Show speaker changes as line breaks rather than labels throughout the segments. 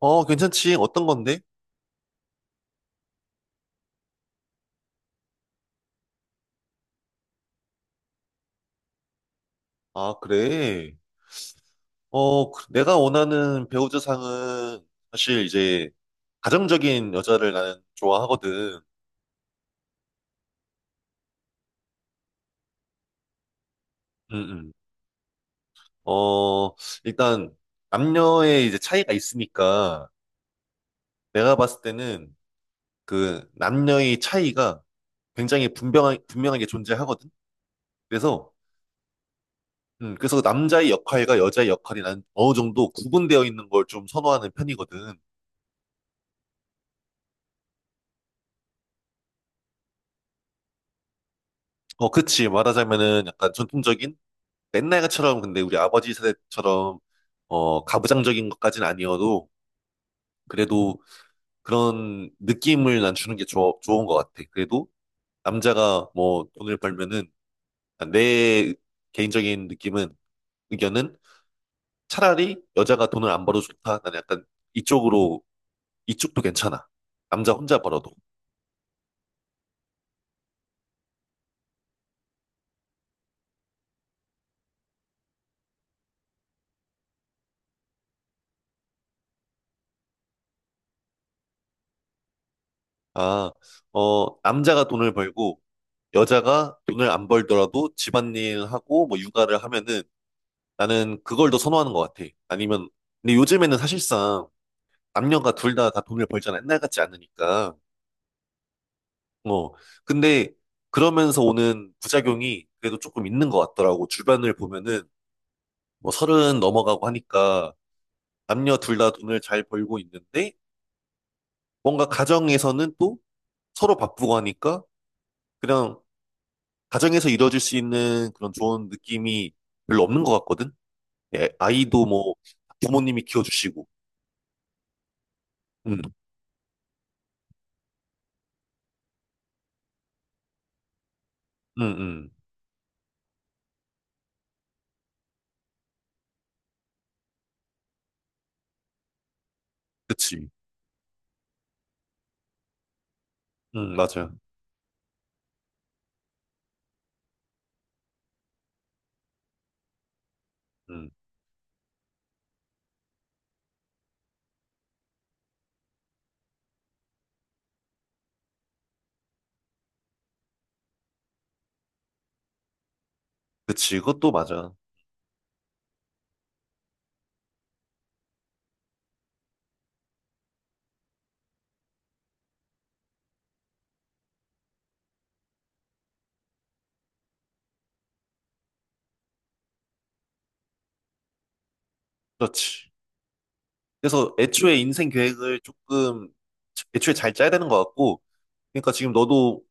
어, 괜찮지. 어떤 건데? 아, 그래. 어, 내가 원하는 배우자상은 사실 이제 가정적인 여자를 나는 좋아하거든. 음, 음. 어, 일단 남녀의 이제 차이가 있으니까 내가 봤을 때는 그 남녀의 차이가 굉장히 분명하게 존재하거든. 그래서 그래서 남자의 역할과 여자의 역할이 난 어느 정도 구분되어 있는 걸 좀 선호하는 편이거든. 어, 그치. 말하자면은 약간 전통적인 옛날처럼 근데 우리 아버지 세대처럼 어 가부장적인 것까지는 아니어도 그래도 그런 느낌을 난 주는 게 좋은 것 같아. 그래도 남자가 뭐 돈을 벌면은 아, 내 개인적인 느낌은 의견은 차라리 여자가 돈을 안 벌어도 좋다. 나는 약간 이쪽으로 이쪽도 괜찮아. 남자 혼자 벌어도. 아, 어, 남자가 돈을 벌고 여자가 돈을 안 벌더라도 집안일 하고 뭐 육아를 하면은 나는 그걸 더 선호하는 것 같아. 아니면, 근데 요즘에는 사실상 남녀가 둘 다 다 돈을 벌잖아. 옛날 같지 않으니까. 어. 근데 그러면서 오는 부작용이 그래도 조금 있는 것 같더라고. 주변을 보면은 뭐 서른 넘어가고 하니까 남녀 둘 다 돈을 잘 벌고 있는데 뭔가 가정에서는 또 서로 바쁘고 하니까 그냥 가정에서 이루어질 수 있는 그런 좋은 느낌이 별로 없는 것 같거든. 예, 아이도 뭐 부모님이 키워주시고. 응, 응, 응, 그치. 맞아요. 음, 그치, 그것도 맞아. 그렇지. 그래서 애초에 인생 계획을 조금, 애초에 잘 짜야 되는 것 같고, 그러니까 지금 너도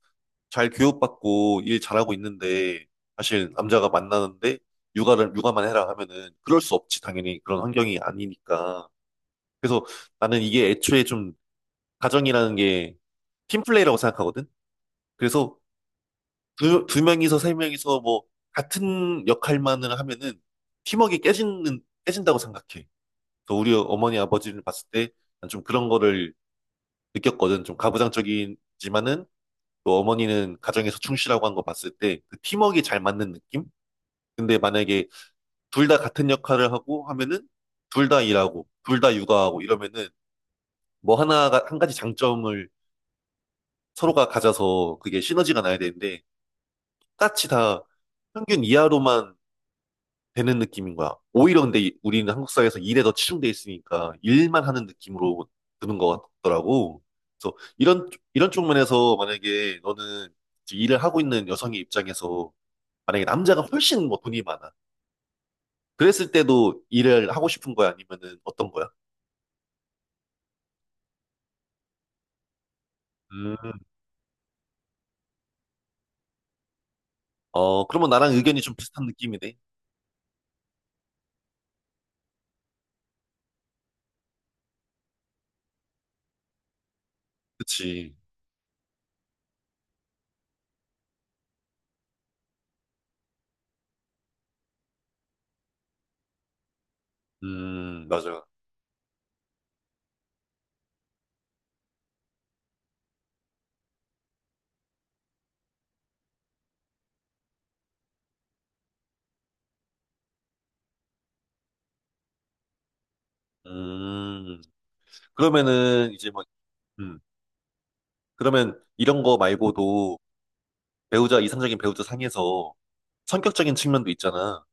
잘 교육받고 일 잘하고 있는데, 사실 남자가 만나는데, 육아만 해라 하면은, 그럴 수 없지, 당연히. 그런 환경이 아니니까. 그래서 나는 이게 애초에 좀, 가정이라는 게 팀플레이라고 생각하거든? 그래서 두 명이서 세 명이서 뭐 같은 역할만을 하면은 팀워크가 깨지는 깨진다고 생각해. 그 우리 어머니 아버지를 봤을 때 난 좀 그런 거를 느꼈거든. 좀 가부장적이지만은 또 어머니는 가정에서 충실하고 한 거 봤을 때 그 팀워크가 잘 맞는 느낌? 근데 만약에 둘 다 같은 역할을 하고 하면은 둘 다 일하고 둘 다 육아하고 이러면은 뭐 하나가 한 가지 장점을 서로가 가져서 그게 시너지가 나야 되는데 똑같이 다 평균 이하로만 되는 느낌인 거야. 오히려 근데 우리는 한국 사회에서 일에 더 치중돼 있으니까 일만 하는 느낌으로 드는 것 같더라고. 그래서 이런 쪽면에서 만약에 너는 지금 일을 하고 있는 여성의 입장에서 만약에 남자가 훨씬 뭐 돈이 많아. 그랬을 때도 일을 하고 싶은 거야? 아니면은 어떤 거야? 음. 어, 그러면 나랑 의견이 좀 비슷한 느낌이네. 그치. 맞아. 음, 그러면은 이제 막, 음, 그러면 이런 거 말고도 배우자, 이상적인 배우자 상에서 성격적인 측면도 있잖아.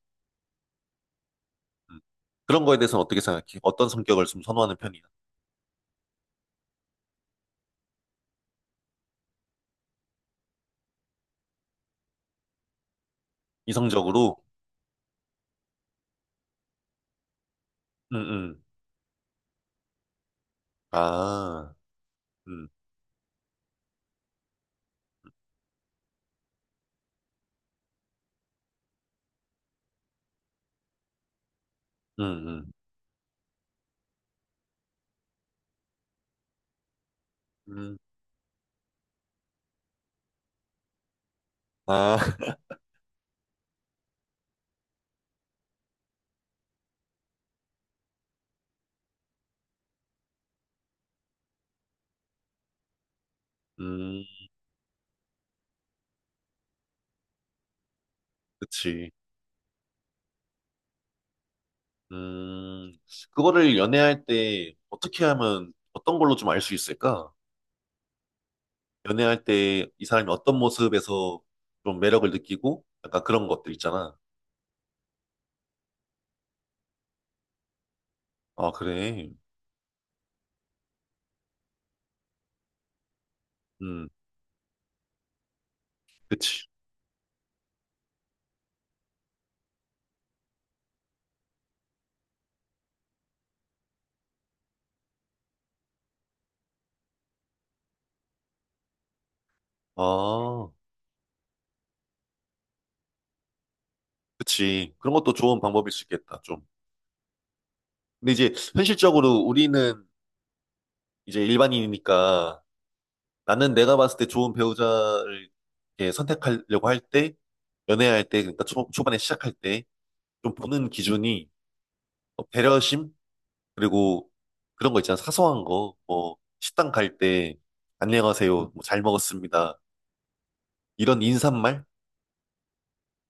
음. 그런 거에 대해서는 어떻게 생각해? 어떤 성격을 좀 선호하는 편이야? 이성적으로? 음, 음. 아, 음, 음, 음. 아, 음, 그치. 음, 그거를 연애할 때 어떻게 하면 어떤 걸로 좀 알 수 있을까? 연애할 때 이 사람이 어떤 모습에서 좀 매력을 느끼고 약간 그런 것들 있잖아. 아, 그래. 음, 그치. 아, 그치. 그런 것도 좋은 방법일 수 있겠다, 좀. 근데 이제 현실적으로 우리는 이제 일반인이니까 나는 내가 봤을 때 좋은 배우자를 이렇게 선택하려고 할 때, 연애할 때, 그러니까 초반에 시작할 때 좀 보는 기준이 어, 배려심? 그리고 그런 거 있잖아. 사소한 거. 뭐 식당 갈 때 안녕하세요. 뭐잘 먹었습니다. 이런 인사말?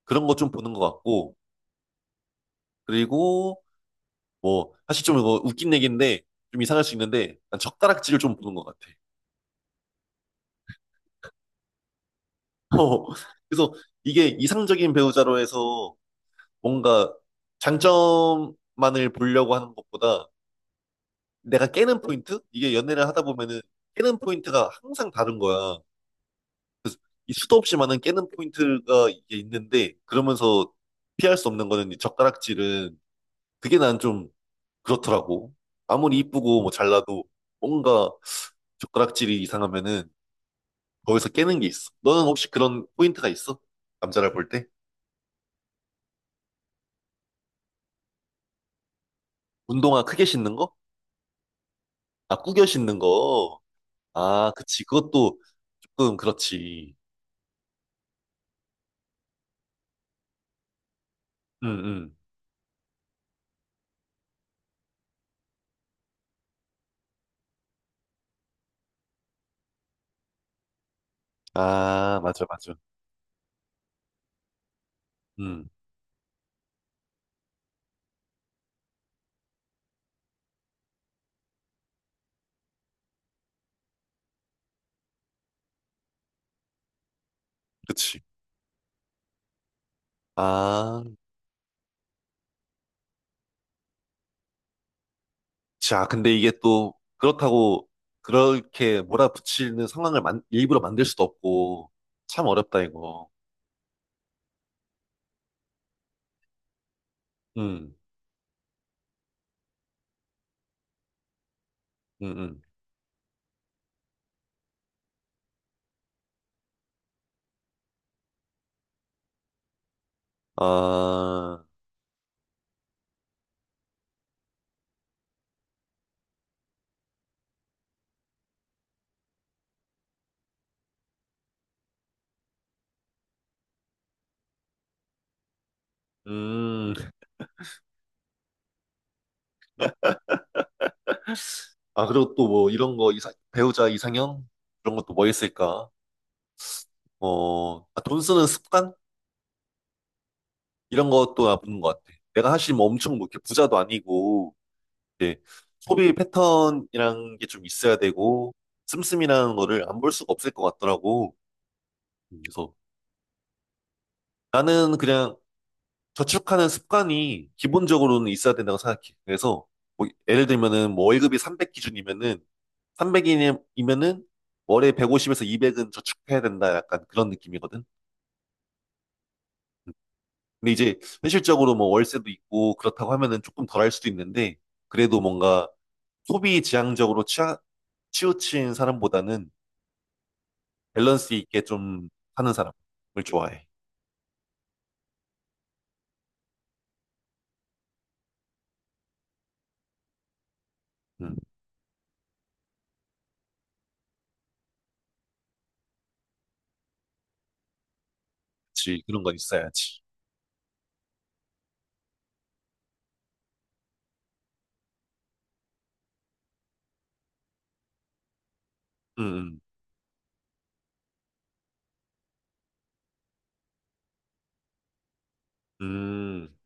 그런 거 좀 보는 것 같고. 그리고 뭐 사실 좀 이거 웃긴 얘기인데 좀 이상할 수 있는데 난 젓가락질을 좀 보는 것 같아. 어, 그래서 이게 이상적인 배우자로 해서 뭔가 장점만을 보려고 하는 것보다 내가 깨는 포인트? 이게 연애를 하다 보면은 깨는 포인트가 항상 다른 거야. 이 수도 없이 많은 깨는 포인트가 이게 있는데 그러면서 피할 수 없는 거는 이 젓가락질은 그게 난 좀 그렇더라고. 아무리 이쁘고 뭐 잘나도 뭔가 젓가락질이 이상하면은 거기서 깨는 게 있어. 너는 혹시 그런 포인트가 있어? 남자를 볼 때? 운동화 크게 신는 거? 아, 구겨 신는 거. 아, 그치. 그것도 조금 그렇지. 응, 응. 아, 맞아, 맞아. 응, 그치. 아, 자, 근데 이게 또 그렇다고 그렇게 몰아붙이는 상황을 만, 일부러 만들 수도 없고 참 어렵다, 이거. 응, 응, 응. 아, 음. 아, 그리고 또 뭐 이런 거 이상, 배우자 이상형? 그런 것도 뭐 있을까? 어, 아, 돈 쓰는 습관? 이런 것도 나쁜 것 같아. 내가 사실 뭐 엄청 뭐 이렇게 부자도 아니고 이제 소비 패턴이란 게 좀 있어야 되고 씀씀이라는 거를 안 볼 수가 없을 것 같더라고. 음. 그래서 나는 그냥 저축하는 습관이 기본적으로는 있어야 된다고 생각해. 그래서 뭐 예를 들면은 뭐 월급이 300 기준이면은 300이면은 월에 150에서 200은 저축해야 된다 약간 그런 느낌이거든. 근데 이제 현실적으로 뭐 월세도 있고 그렇다고 하면은 조금 덜할 수도 있는데 그래도 뭔가 소비 지향적으로 치우친 사람보다는 밸런스 있게 좀 하는 사람을 좋아해. 음, 그치. 그런 건 있어야지. 음, 음, 음.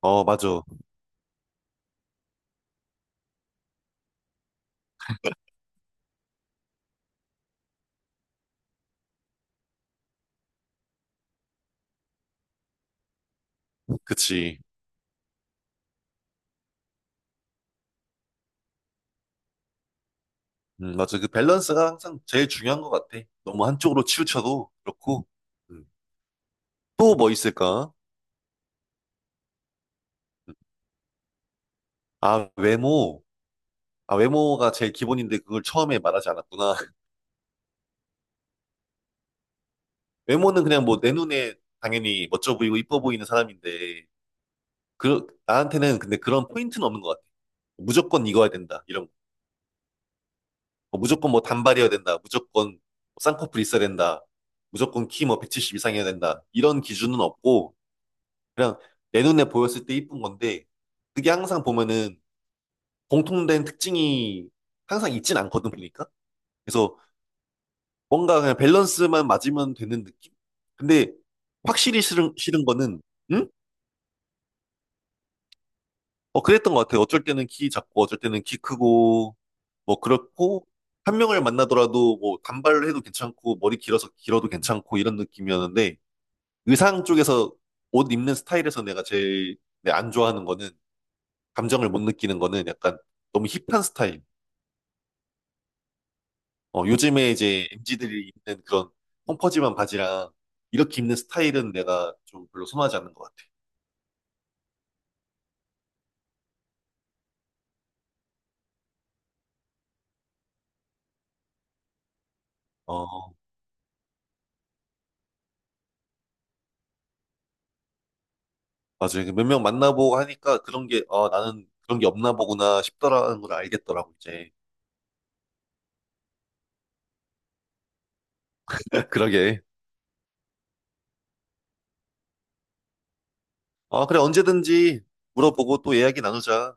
어, 맞아. 그치. 맞아. 그 밸런스가 항상 제일 중요한 것 같아. 너무 한쪽으로 치우쳐도 그렇고. 음. 또 뭐 있을까? 아, 외모. 아, 외모가 제일 기본인데 그걸 처음에 말하지 않았구나. 외모는 그냥 뭐 내 눈에 당연히 멋져 보이고 이뻐 보이는 사람인데, 그, 나한테는 근데 그런 포인트는 없는 것 같아. 무조건 이거야 된다. 이런 뭐 무조건 뭐 단발이어야 된다. 무조건 뭐 쌍꺼풀 있어야 된다. 무조건 키 뭐 170 이상이어야 된다. 이런 기준은 없고 그냥 내 눈에 보였을 때 이쁜 건데 그게 항상 보면은 공통된 특징이 항상 있진 않거든 보니까. 그래서 뭔가 그냥 밸런스만 맞으면 되는 느낌? 근데 확실히 싫은 거는 응? 어, 그랬던 것 같아요. 어쩔 때는 키 작고, 어쩔 때는 키 크고, 뭐, 그렇고, 한 명을 만나더라도, 뭐, 단발을 해도 괜찮고, 머리 길어서 길어도 괜찮고, 이런 느낌이었는데, 의상 쪽에서 옷 입는 스타일에서 내가 제일 네, 안 좋아하는 거는, 감정을 못 느끼는 거는 약간 너무 힙한 스타일. 어, 요즘에 이제 MZ들이 입는 그런 펑퍼짐한 바지랑, 이렇게 입는 스타일은 내가 좀 별로 선호하지 않는 것 같아요. 어. 맞아요. 몇 명 만나보고 하니까 그런 게, 아, 나는 그런 게 없나 보구나 싶더라는 걸 알겠더라고, 이제. 그러게. 아, 그래, 언제든지 물어보고 또 이야기 나누자.